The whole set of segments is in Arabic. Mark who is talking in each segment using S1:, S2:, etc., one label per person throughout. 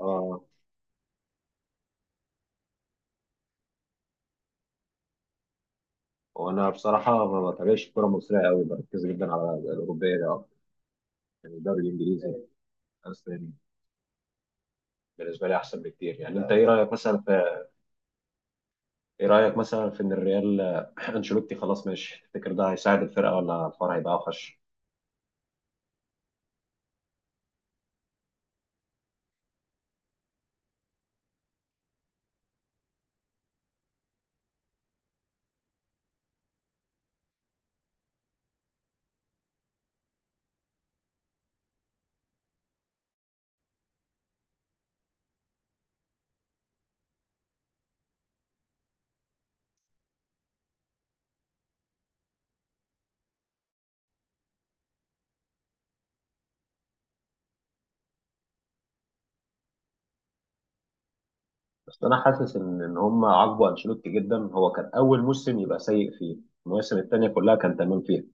S1: اه. وانا بصراحه ما بتابعش الكره المصريه قوي، بركز جدا على الاوروبيه ده أكتر. يعني الدوري الانجليزي الاسباني بالنسبه لي احسن بكتير، يعني انت ايه رايك مثلا في ان الريال انشيلوتي خلاص ماشي، تفتكر ده هيساعد الفرقه ولا الفرع هيبقى اوحش؟ بس انا حاسس ان هم عاقبوا انشيلوتي جدا، هو كان اول موسم يبقى سيء فيه، المواسم الثانيه كلها كان تمام فيها.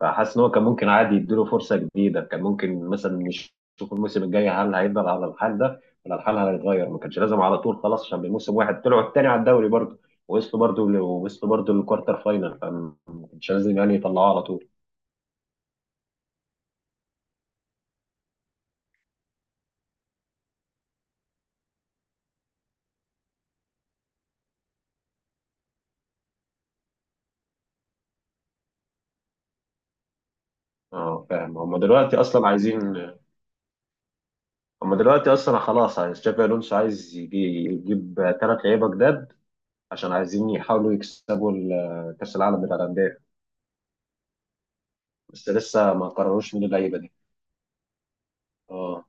S1: فحاسس ان هو كان ممكن عادي يديله فرصه جديده، كان ممكن مثلا نشوف الموسم الجاي هل هيفضل على الحال ده ولا الحال هيتغير. ما كانش لازم على طول خلاص، عشان بموسم واحد طلعوا التاني على الدوري برضه ووصلوا برضه للكوارتر فاينل، فما كانش لازم يعني يطلعوه على طول. اه فاهم، هم دلوقتي اصلا خلاص عايز تشافي الونسو، عايز يجيب ثلاث لعيبه جداد عشان عايزين يحاولوا يكسبوا كاس العالم بتاع الانديه. بس لسه ما قرروش مين اللعيبه دي. اه،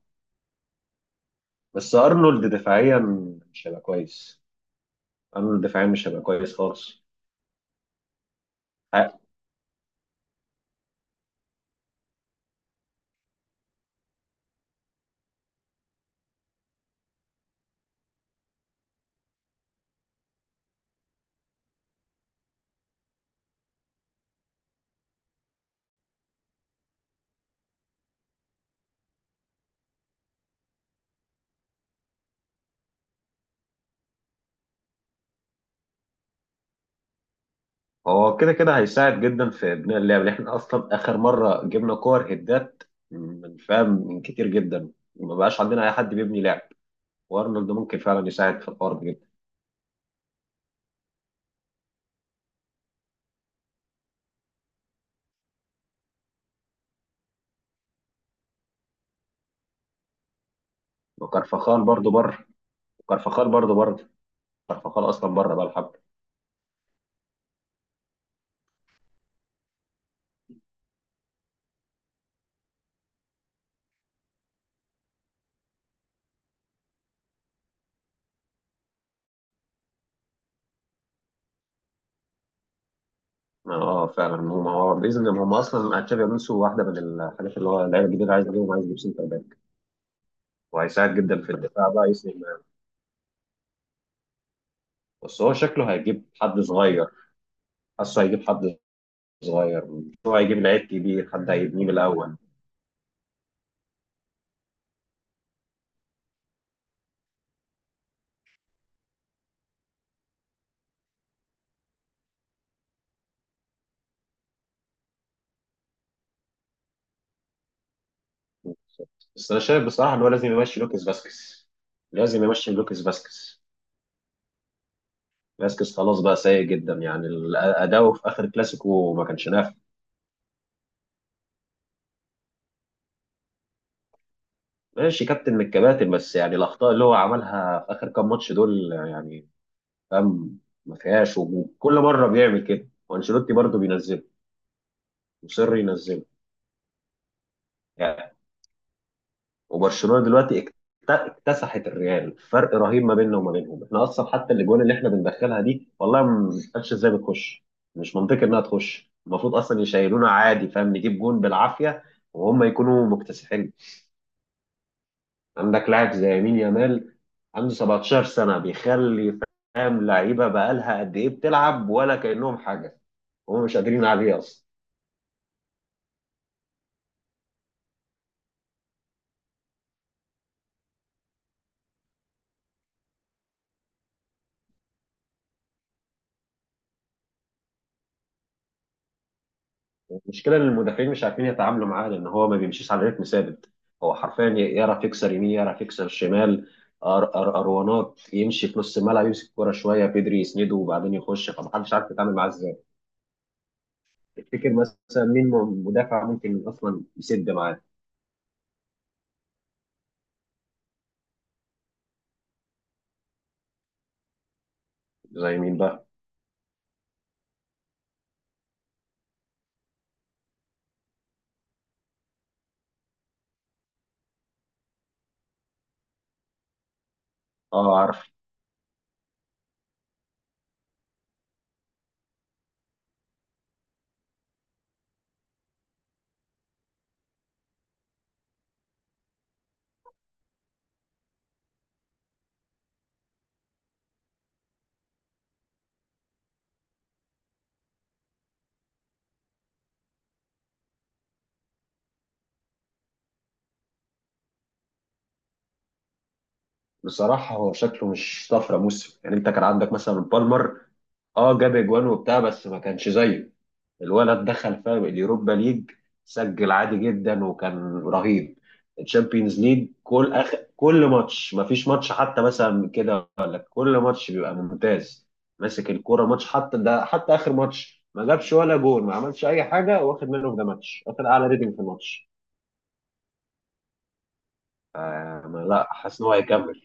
S1: بس ارنولد دفاعيا مش هيبقى كويس، ارنولد دفاعيا مش هيبقى كويس خالص. ه- هو كده كده هيساعد جدا في بناء اللعب، لأن احنا اصلا اخر مره جبنا كور هدات من فاهم من كتير جدا، ما بقاش عندنا اي حد بيبني لعب. وارنولد ممكن فعلا يساعد في الحوار ده جدا. وكارفخال برضه بره كارفخال برضه بره، كارفخال اصلا بره بقى الحب. اه فعلا، هم هو باذن الله هم اصلا تشابي الونسو واحده من الحاجات اللي هو اللعيبه الجديده عايز يجيبهم، عايز يجيب سنتر باك وهيساعد جدا في الدفاع بقى يسند. بس هو شكله هيجيب حد صغير، حاسه هيجيب حد صغير، هو هيجيب لعيب كبير، حد هيبنيه من الاول. بس انا شايف بصراحه ان هو لازم يمشي لوكس باسكس. باسكس خلاص بقى سيء جدا، يعني اداؤه في اخر كلاسيكو ما كانش نافع. ماشي، كابتن من الكباتن، بس يعني الاخطاء اللي هو عملها في اخر كام ماتش دول يعني فاهم ما فيهاش. وكل مره بيعمل كده وانشيلوتي برضه بينزله، مصر ينزله يعني. وبرشلونه دلوقتي اكتسحت الريال، فرق رهيب ما بيننا وما بينهم. احنا اصلا حتى الاجوان اللي احنا بندخلها دي والله ما بنفهمش ازاي بتخش، مش منطقي انها تخش، المفروض اصلا يشيلونا عادي فاهم، نجيب جون بالعافيه وهم يكونوا مكتسحين. عندك لاعب زي يمين يامال، عنده 17 سنه بيخلي فاهم لعيبه بقالها قد ايه بتلعب ولا كانهم حاجه، هم مش قادرين عليه اصلا. المشكله ان المدافعين مش عارفين يتعاملوا معاه لان هو ما بيمشيش على رتم ثابت، هو حرفيا يعرف يكسر يمين، يعرف يكسر شمال. أر أر أروانات يمشي في نص الملعب، يمسك الكوره شويه بيدري يسنده وبعدين يخش، فمحدش عارف يتعامل معاه ازاي. تفتكر مثلا مين مدافع ممكن اصلا يسد معاه؟ زي مين بقى؟ اه عارف. بصراحه هو شكله مش طفره موسم، يعني انت كان عندك مثلا بالمر، اه جاب اجوان وبتاع بس ما كانش زيه. الولد دخل فاهم اليوروبا ليج، سجل عادي جدا وكان رهيب. الشامبيونز ليج كل كل ماتش، ما فيش ماتش حتى مثلا كده ولا كل ماتش بيبقى ممتاز، ماسك الكوره ماتش حتى ده، حتى اخر ماتش ما جابش ولا جول، ما عملش اي حاجه، واخد منه في ده ماتش واخد اعلى ريتنج في الماتش. آه ما لا، حاسس ان هو هيكمل.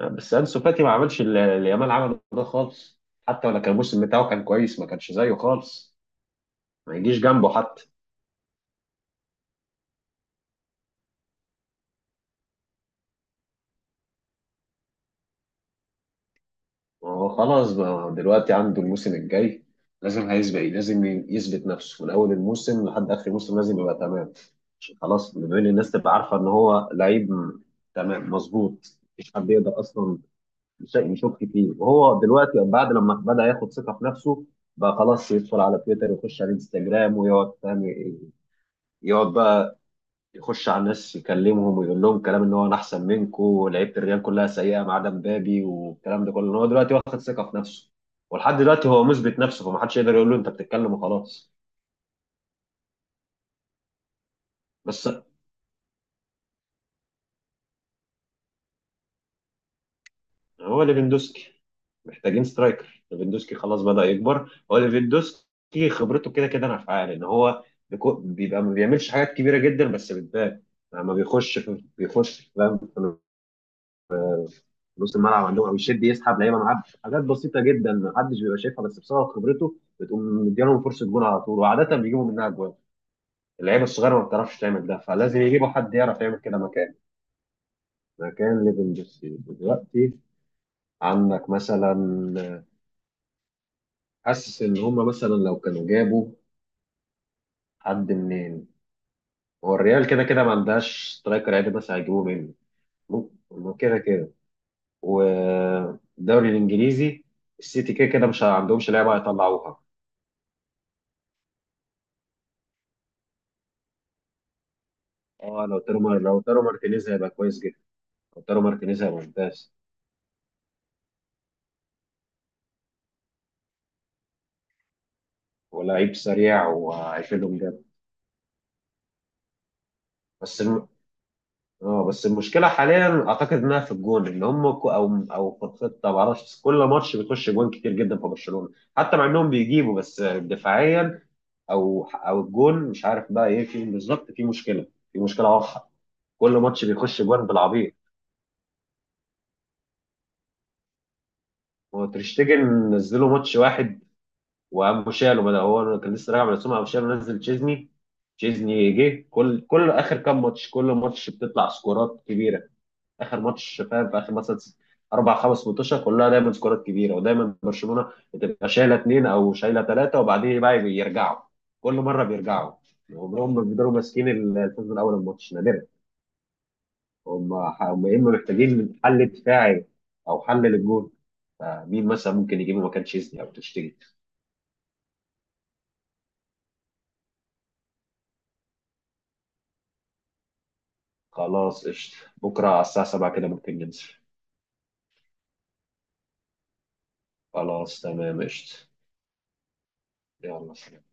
S1: بس انسو فاتي ما عملش اللي يامال عمله ده خالص، حتى ولا كان الموسم بتاعه كان كويس، ما كانش زيه خالص، ما يجيش جنبه حتى. هو خلاص بقى دلوقتي عنده الموسم الجاي لازم هيسبق، لازم يثبت نفسه من اول الموسم لحد اخر الموسم، لازم يبقى تمام، عشان خلاص بين الناس تبقى عارفه ان هو لعيب تمام مظبوط، مفيش حد يقدر اصلا يشك فيه. وهو دلوقتي بعد لما بدا ياخد ثقه في نفسه بقى خلاص، يدخل على تويتر ويخش على انستجرام ويقعد فاهم، يقعد بقى يخش على الناس يكلمهم ويقول لهم كلام ان هو انا احسن منكم ولعيبه الريال كلها سيئه ما عدا مبابي، والكلام ده كله إن هو دلوقتي واخد ثقه في نفسه. ولحد دلوقتي هو مثبت نفسه، فما حدش يقدر يقول له انت بتتكلم وخلاص. بس هو ليفاندوسكي، محتاجين سترايكر، ليفاندوسكي خلاص بدأ يكبر. هو ليفاندوسكي خبرته كده كده نافعه، ان هو بيبقى ما بيعملش حاجات كبيره جدا بس بتبان لما بيخش في، بيخش فاهم نص الملعب عندهم او يشد يسحب لعيبه معاه، حاجات بسيطه جدا محدش بيبقى شايفها بس بسبب خبرته بتقوم مديلهم فرصه جول على طول، وعاده بيجيبوا منها جوان. اللعيبه الصغيره ما بتعرفش تعمل ده، فلازم يجيبوا حد يعرف يعمل كده مكان، مكان ليفاندوسكي دلوقتي. عندك مثلا، حاسس ان هم مثلا لو كانوا جابوا حد منين. هو الريال كده كده ما عندهاش سترايكر عادي، بس هيجيبوه منه ممكن كده كده، والدوري الانجليزي السيتي كده كده مش عندهمش لعيبه هيطلعوها. اه لو لو تيرو مارتينيز هيبقى كويس جدا، لو تيرو مارتينيز هيبقى ممتاز، ولعيب سريع وهيفيدهم جامد. بس الم... اه، بس المشكله حاليا اعتقد انها في الجون، ان هم او في الخطه ما اعرفش، كل ماتش بيخش جوان كتير جدا في برشلونه حتى مع انهم بيجيبوا، بس دفاعيا او او الجون مش عارف بقى ايه فيهم بالظبط. في مشكله واضحه، كل ماتش بيخش جوان بالعبيط. هو تريشتجن نزله ماتش واحد، وابو شالو بدأ، هو كان لسه راجع من السومه. ابو شالو نزل تشيزني، تشيزني جه كل اخر كام ماتش، كل ماتش بتطلع سكورات كبيره، اخر ماتش فاهم في اخر مثلا اربع خمس ماتشات كلها دايما سكورات كبيره، ودايما برشلونه بتبقى شايله اثنين او شايله ثلاثه وبعدين بقى بيرجعوا، كل مره بيرجعوا، عمرهم ما بيقدروا ماسكين الفوز من اول الماتش، نادرا. هم هم يا اما محتاجين من حل دفاعي او حل للجون. فمين مثلا ممكن يجيبه مكان تشيزني او تشتري؟ خلاص قشطة، بكرة على الساعة 7 كده ممكن ننزل. خلاص تمام قشطة. يلا سلام.